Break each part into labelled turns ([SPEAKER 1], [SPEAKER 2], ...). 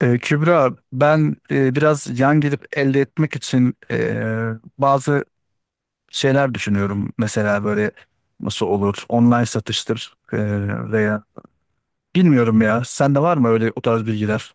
[SPEAKER 1] Kübra, ben biraz yan gelip elde etmek için bazı şeyler düşünüyorum. Mesela böyle nasıl olur, online satıştır veya bilmiyorum ya. Sende var mı öyle o tarz bilgiler?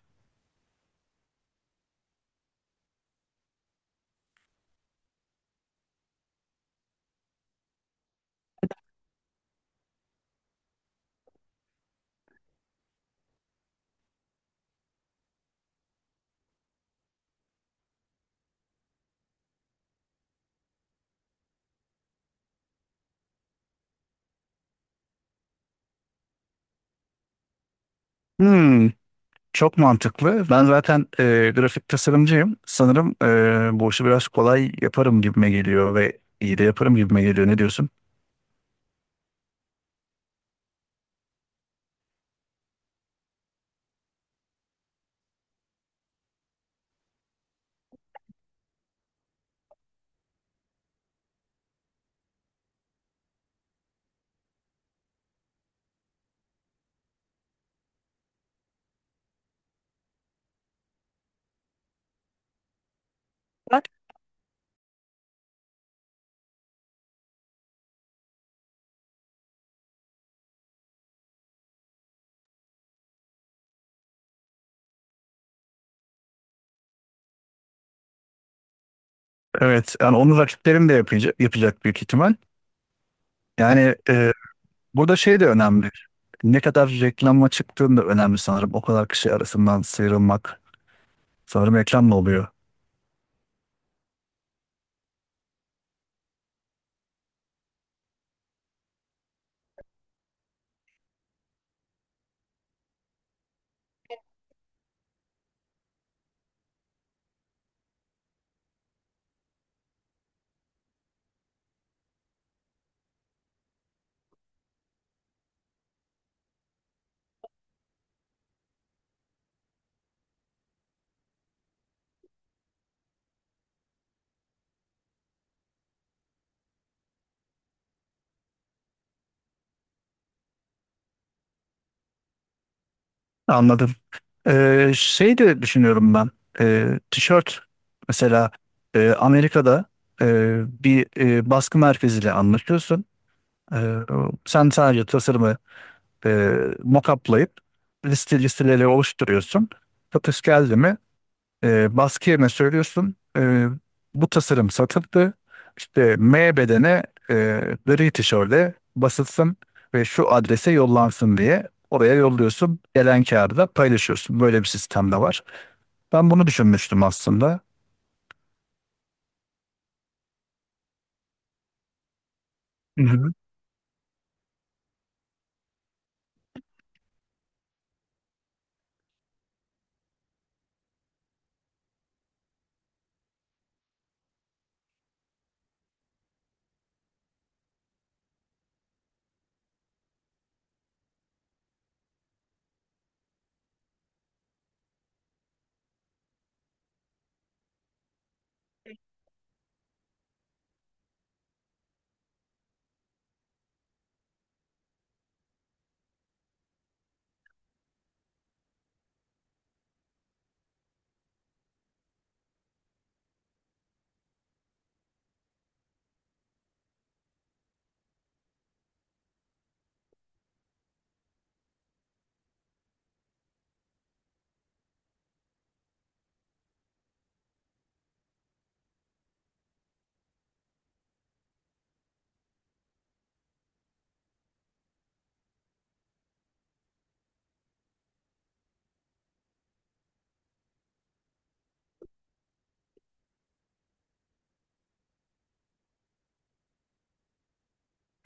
[SPEAKER 1] Hmm, çok mantıklı. Ben zaten grafik tasarımcıyım. Sanırım bu işi biraz kolay yaparım gibime geliyor ve iyi de yaparım gibime geliyor. Ne diyorsun? Evet, yani onu rakiplerim de yapacak, yapacak büyük ihtimal. Yani burada şey de önemli. Ne kadar reklama çıktığın da önemli sanırım. O kadar kişi arasından sıyrılmak sanırım reklamla oluyor. Anladım. Şey de düşünüyorum ben. Tişört mesela Amerika'da e, bir baskı merkeziyle anlaşıyorsun. Ee, Sen sadece tasarımı e, mock-up'layıp listeleri oluşturuyorsun. Satış geldi mi, baskı yerine söylüyorsun. Bu tasarım satıldı. İşte M bedene, e, gri tişörde basılsın ve şu adrese yollansın diye oraya yolluyorsun. Gelen kağıdı da paylaşıyorsun. Böyle bir sistem de var. Ben bunu düşünmüştüm aslında. Hı hı.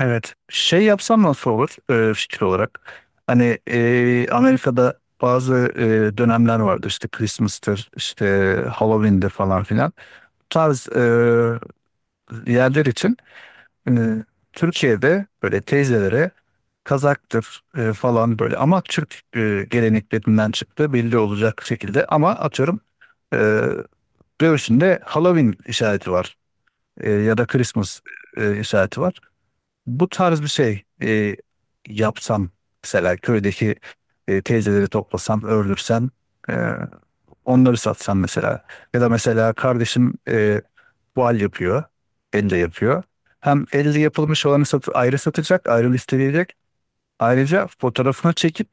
[SPEAKER 1] Evet. Şey yapsam nasıl olur, fikir olarak? Hani Amerika'da bazı dönemler vardı, işte Christmas'tır, işte Halloween'dir falan filan. Bu tarz yerler için, e, Türkiye'de böyle teyzelere kazaktır falan, böyle ama Türk geleneklerinden çıktı belli olacak şekilde, ama atıyorum, e, göğsünde Halloween işareti var, ya da Christmas işareti var. Bu tarz bir şey yapsam, mesela köydeki teyzeleri toplasam, ördürsem. Onları satsan mesela. Ya da mesela kardeşim voal yapıyor. Elle yapıyor. Hem elle yapılmış olanı sat, ayrı satacak, ayrı listeleyecek. Ayrıca fotoğrafını çekip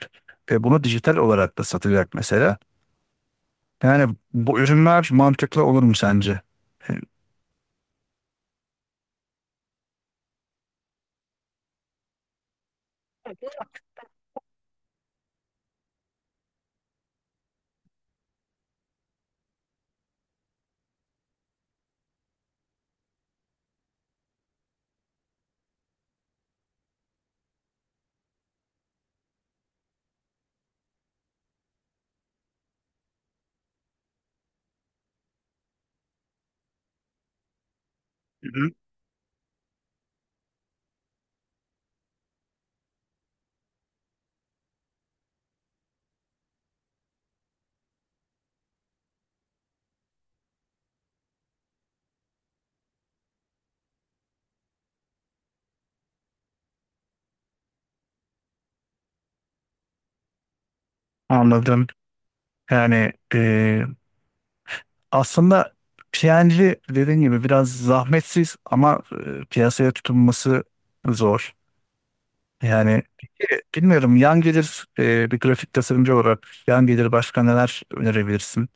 [SPEAKER 1] bunu dijital olarak da satacak mesela. Yani bu ürünler mantıklı olur mu sence? E, Hı hı. Anladım. Yani aslında P&G dediğin gibi biraz zahmetsiz ama piyasaya tutunması zor. Yani peki, bilmiyorum, yan gelir, bir grafik tasarımcı olarak yan gelir başka neler önerebilirsin?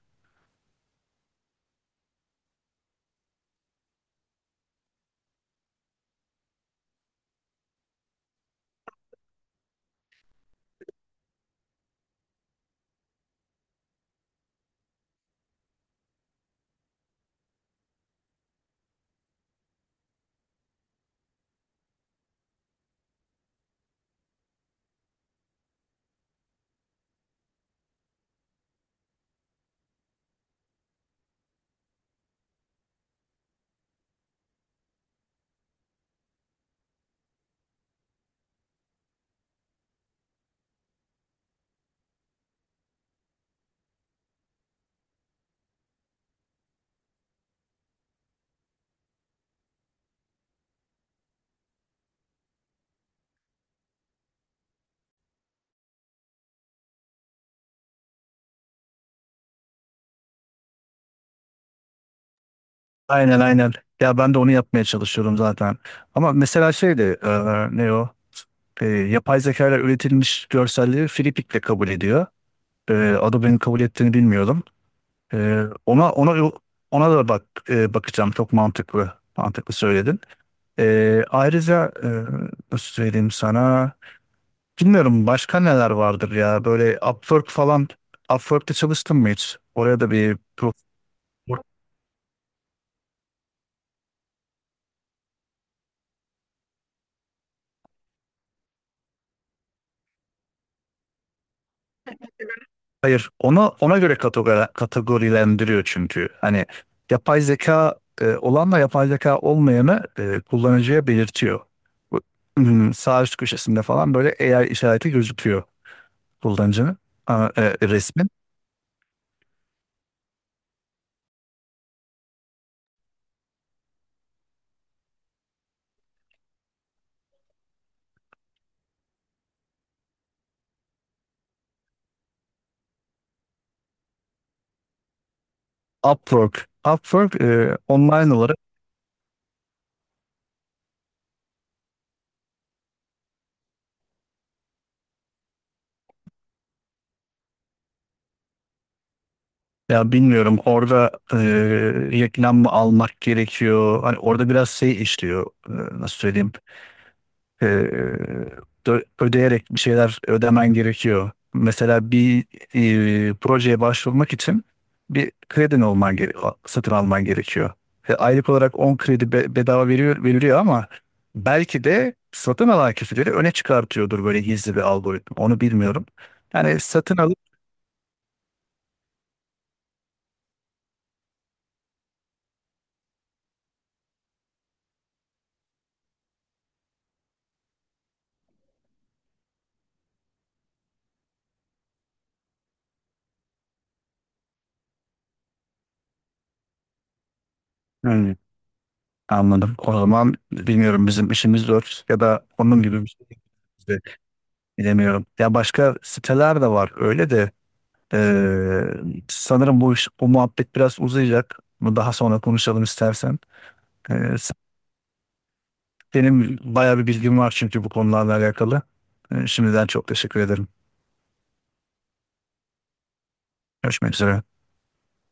[SPEAKER 1] Aynen aynen. Ya ben de onu yapmaya çalışıyorum zaten. Ama mesela şey de ne o? Yapay zeka ile üretilmiş görselleri Filipik'le kabul ediyor. E, Adobe'nin kabul ettiğini bilmiyordum. Ona ona da bak, bakacağım. Çok mantıklı. Mantıklı söyledin. Ayrıca nasıl söyleyeyim sana, bilmiyorum, başka neler vardır ya, böyle Upwork falan. Çalıştın mı hiç? Oraya da bir hayır. Ona göre kategorilendiriyor, çünkü hani yapay zeka olanla yapay zeka olmayanı kullanıcıya belirtiyor. Bu- hmm, sağ üst köşesinde falan böyle AI işareti gözüküyor kullanıcının resmin. Upwork Upwork online olarak. Ya bilmiyorum orada reklam mı almak gerekiyor? Hani orada biraz şey işliyor. Nasıl söyleyeyim? E, Ödeyerek bir şeyler ödemen gerekiyor. Mesela bir projeye başvurmak için bir kredin olman gere satın alman gerekiyor. Aylık olarak 10 kredi bedava veriyor, veriliyor, ama belki de satın alan kişileri öne çıkartıyordur, böyle gizli bir algoritma. Onu bilmiyorum. Yani satın alıp anladım. O zaman bilmiyorum, bizim işimiz zor ya da onun gibi bir şey de bilemiyorum. Ya başka siteler de var öyle de, eee, sanırım bu iş, bu muhabbet biraz uzayacak. Bunu daha sonra konuşalım istersen. Eee, Benim bayağı bir bilgim var çünkü bu konularla alakalı. Şimdiden çok teşekkür ederim. Görüşmek üzere.